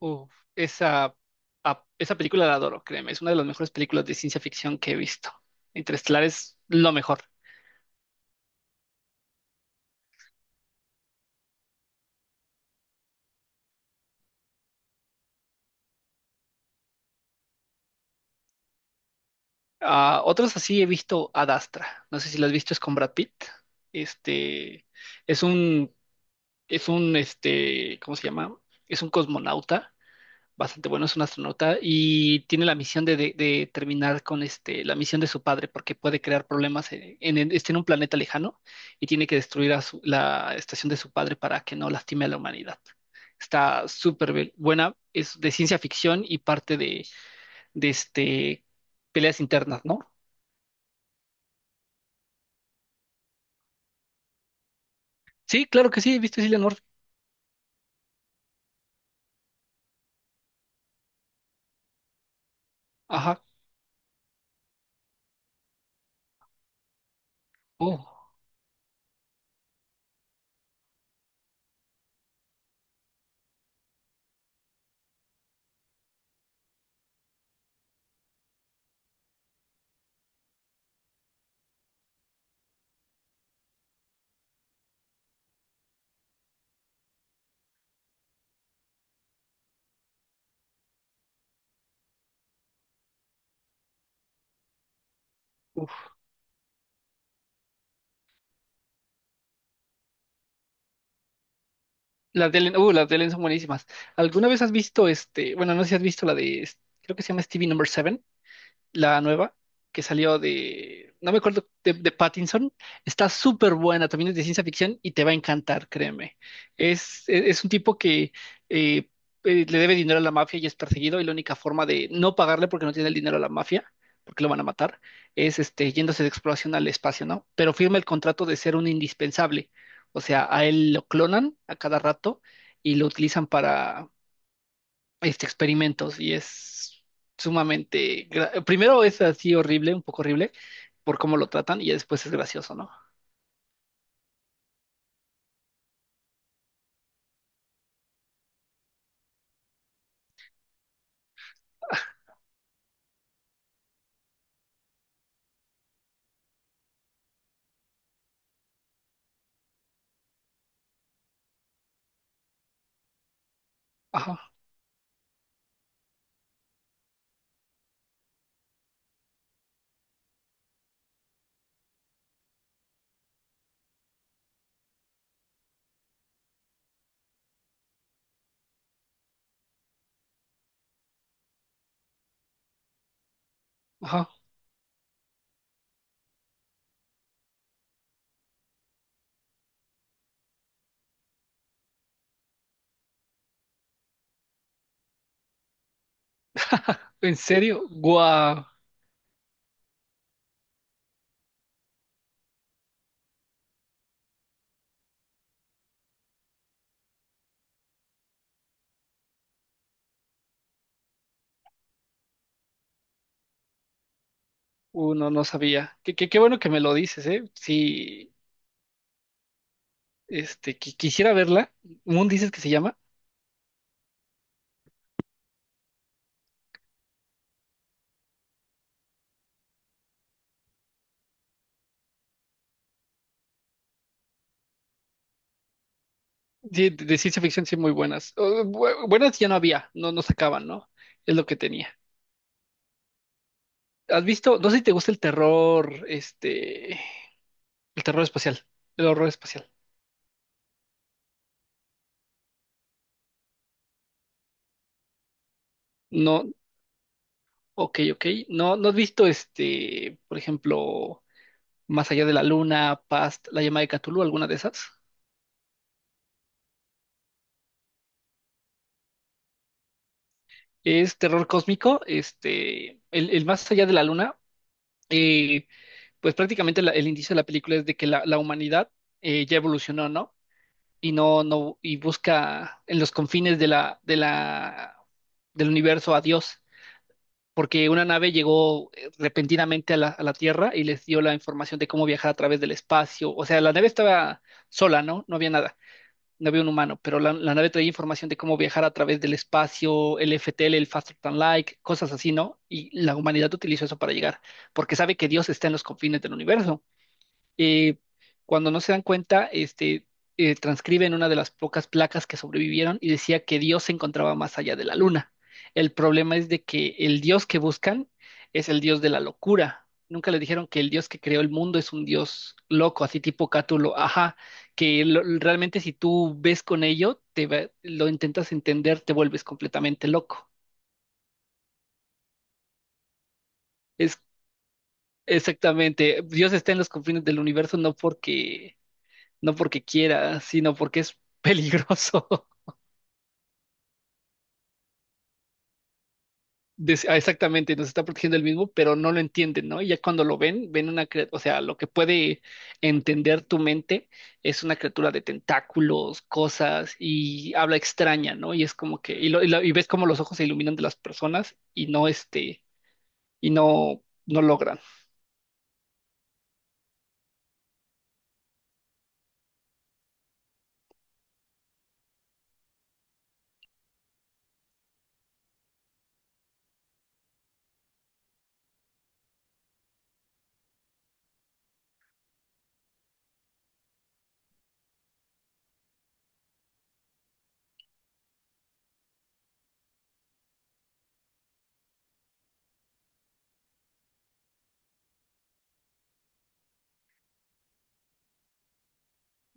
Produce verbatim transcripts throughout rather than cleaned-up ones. Uf, esa, a- esa película la adoro, créeme, es una de las mejores películas de ciencia ficción que he visto. Interestelar es lo mejor. Ah, otros así he visto Ad Astra, no sé si lo has visto, es con Brad Pitt. Este, es un, es un, este, ¿Cómo se llama? Es un cosmonauta bastante bueno, es un astronauta y tiene la misión de, de- de terminar con este, la misión de su padre porque puede crear problemas en, en, en- está en un planeta lejano y tiene que destruir a su- la estación de su padre para que no lastime a la humanidad. Está súper be- buena, es de ciencia ficción y parte de, de este, peleas internas, ¿no? Sí, claro que sí, ¿viste Cillian Murphy? Ajá. Oh, uf. Las de Ellen, uh, las de Ellen son buenísimas. ¿Alguna vez has visto este, bueno, no sé si has visto la de, creo que se llama Stevie Number Seven, la nueva que salió de, no me acuerdo, de, de Pattinson? Está súper buena, también es de ciencia ficción y te va a encantar, créeme. Es, e- es un tipo que eh, eh, le debe dinero a la mafia y es perseguido y la única forma de no pagarle porque no tiene el dinero a la mafia, porque lo van a matar, es este, yéndose de exploración al espacio, ¿no? Pero firma el contrato de ser un indispensable, o sea, a él lo clonan a cada rato y lo utilizan para este, experimentos y es sumamente, gra- primero es así horrible, un poco horrible por cómo lo tratan y ya después es gracioso, ¿no? Ajá, ajá. ¿En serio? Guau, uno no no sabía. Qué, qué, qué bueno que me lo dices, ¿eh? Sí, este, qui- quisiera verla. ¿Moon dices que se llama? Sí, de de ciencia ficción sí muy buenas. Oh, bu- buenas ya no había, no, no sacaban, ¿no? Es lo que tenía. ¿Has visto? No sé si te gusta el terror, este, el terror espacial, el horror espacial. No, ok, ok. No, no has visto este, por ejemplo, Más allá de la luna, Past, La llama de Cthulhu, alguna de esas. Es terror cósmico. Este, el, el Más allá de la luna, eh, pues prácticamente la- el inicio de la película es de que la, la humanidad eh, ya evolucionó, ¿no? Y no, no, y busca en los confines de la, de la, del universo a Dios. Porque una nave llegó eh, repentinamente a la, a la Tierra y les dio la información de cómo viajar a través del espacio. O sea, la nave estaba sola, ¿no? No había nada, no había un humano, pero la, la nave traía información de cómo viajar a través del espacio, el F T L, el Faster Than Light, cosas así, ¿no? Y la humanidad utilizó eso para llegar, porque sabe que Dios está en los confines del universo. eh, Cuando no se dan cuenta, este, eh, transcriben una de las pocas placas que sobrevivieron y decía que Dios se encontraba más allá de la luna. El problema es de que el Dios que buscan es el Dios de la locura. Nunca le dijeron que el Dios que creó el mundo es un Dios loco, así tipo Cátulo, ajá, que lo- realmente si tú ves con ello, te va- lo intentas entender, te vuelves completamente loco. Es exactamente, Dios está en los confines del universo, no porque no porque quiera, sino porque es peligroso. Des- ah, Exactamente, nos está protegiendo el mismo, pero no lo entienden, ¿no? Y ya cuando lo ven, ven una criatura, o sea, lo que puede entender tu mente es una criatura de tentáculos, cosas y habla extraña, ¿no? Y es como que, y, lo- y lo- y ves como los ojos se iluminan de las personas y no este, y no, no logran.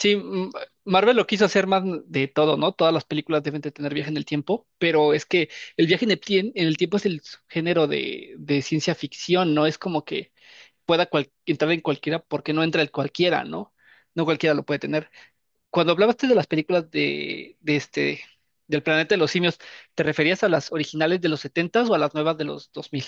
Sí, mm, Marvel lo quiso hacer más de todo, ¿no? Todas las películas deben de tener viaje en el tiempo, pero es que el viaje en el, tien- en el tiempo es el género de, de ciencia ficción, no es como que pueda cual- entrar en cualquiera porque no entra el cualquiera, ¿no? No cualquiera lo puede tener. Cuando hablabaste de las películas de, de este, del planeta de los simios, ¿te referías a las originales de los setentas o a las nuevas de los dos mil?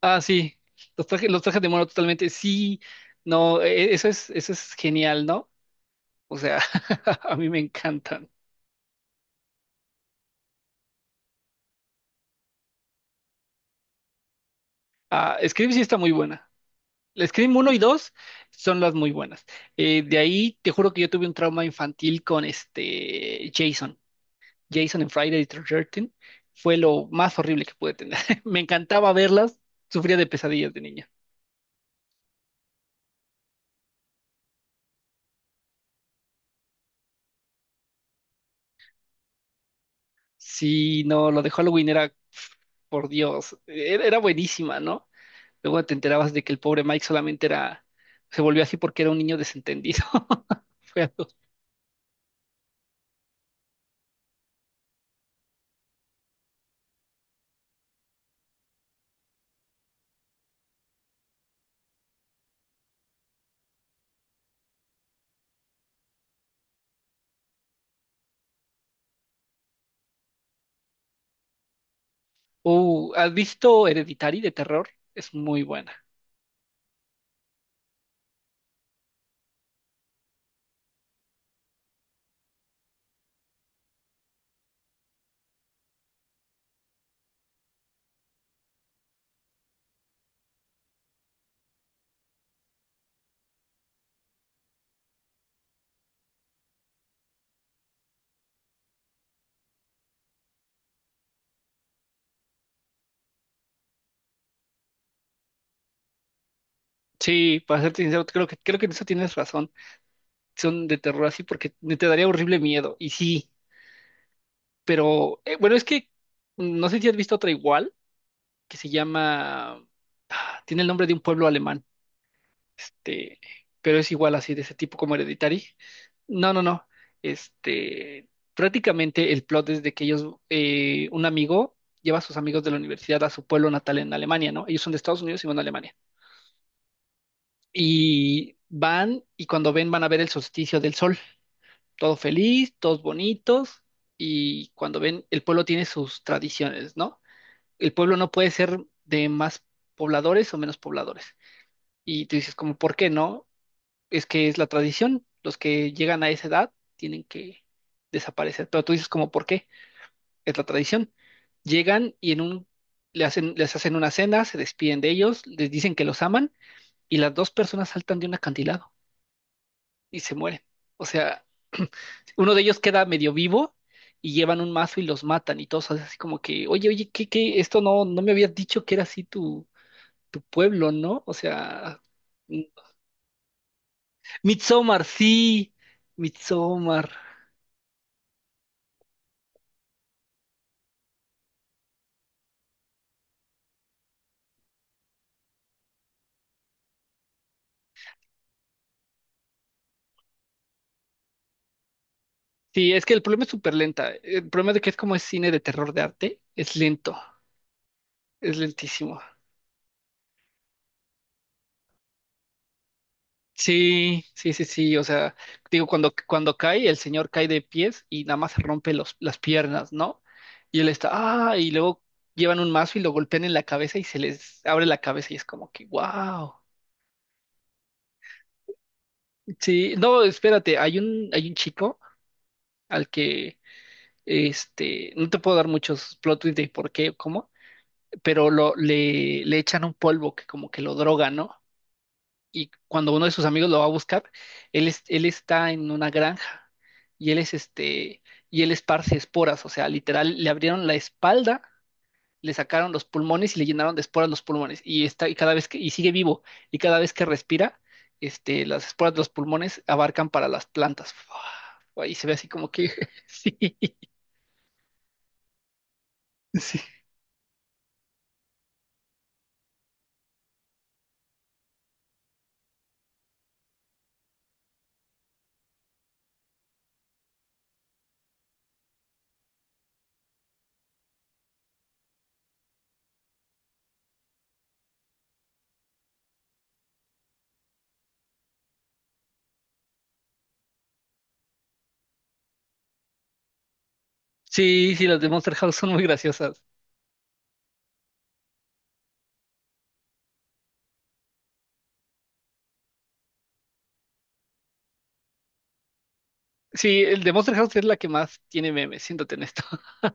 Ah, sí, los trajes, los trajes de mono totalmente, sí, no, e- e, eso es, eso es genial, ¿no? O sea, a mí me encantan. Ah, Scream sí está muy buena. La Scream uno y dos son las muy buenas. Eh, de ahí te juro que yo tuve un trauma infantil con este Jason. Jason en Friday the trece fue lo más horrible que pude tener. Me encantaba verlas, sufría de pesadillas de niña. Sí, no, lo de Halloween era, pf, por Dios, era, era buenísima, ¿no? Luego te enterabas de que el pobre Mike solamente era, se volvió así porque era un niño desentendido. Fue. Uh, ¿has visto Hereditary de terror? Es muy buena. Sí, para serte sincero, creo que, creo que en eso tienes razón. Son de terror así porque me- te daría horrible miedo. Y sí, pero eh, bueno, es que mm, no sé si has visto otra igual que se llama. Ah, tiene el nombre de un pueblo alemán. Este, pero es igual así, de ese tipo como Hereditary. No, no, no. Este, Prácticamente el plot es de que ellos, eh, un amigo lleva a sus amigos de la universidad a su pueblo natal en Alemania, ¿no? Ellos son de Estados Unidos y van a Alemania. Y van, y cuando ven, van a ver el solsticio del sol. Todo feliz, todos bonitos. Y cuando ven, el pueblo tiene sus tradiciones, ¿no? El pueblo no puede ser de más pobladores o menos pobladores. Y tú dices, como, ¿por qué no? Es que es la tradición. Los que llegan a esa edad tienen que desaparecer. Pero tú dices, como, ¿por qué? Es la tradición. Llegan y en un, le hacen, les hacen una cena, se despiden de ellos, les dicen que los aman, y las dos personas saltan de un acantilado. Y se muere. O sea, uno de ellos queda medio vivo y llevan un mazo y los matan y todos así como que, oye, oye, ¿qué, qué? Esto no, no me habías dicho que era así tu, tu pueblo, ¿no? O sea, mm, Midsommar, sí, Midsommar. Sí, es que el problema es súper lenta. El problema de que es como es cine de terror de arte, es lento, es lentísimo. Sí, sí, sí, sí, o sea, digo, cuando, cuando cae, el señor cae de pies y nada más se rompe los, las piernas, ¿no? Y él está, ah, y luego llevan un mazo y lo golpean en la cabeza y se les abre la cabeza y es como que, wow. Sí, no, espérate, hay un, hay un chico al que, este, no te puedo dar muchos plot twists de por qué o cómo, pero lo, le, le echan un polvo que como que lo droga, ¿no? Y cuando uno de sus amigos lo va a buscar, él, es- él está en una granja y él es este, y él esparce esporas, o sea, literal, le abrieron la espalda, le sacaron los pulmones y le llenaron de esporas los pulmones y está, y cada vez que, y sigue vivo, y cada vez que respira, este, las esporas de los pulmones abarcan para las plantas. Fua, y se ve así como que, sí, sí, sí, sí, las de Monster House son muy graciosas. Sí, el de Monster House es la que más tiene memes, siéntate en esto.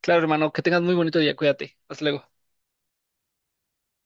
Claro, hermano, que tengas muy bonito día, cuídate. Hasta luego.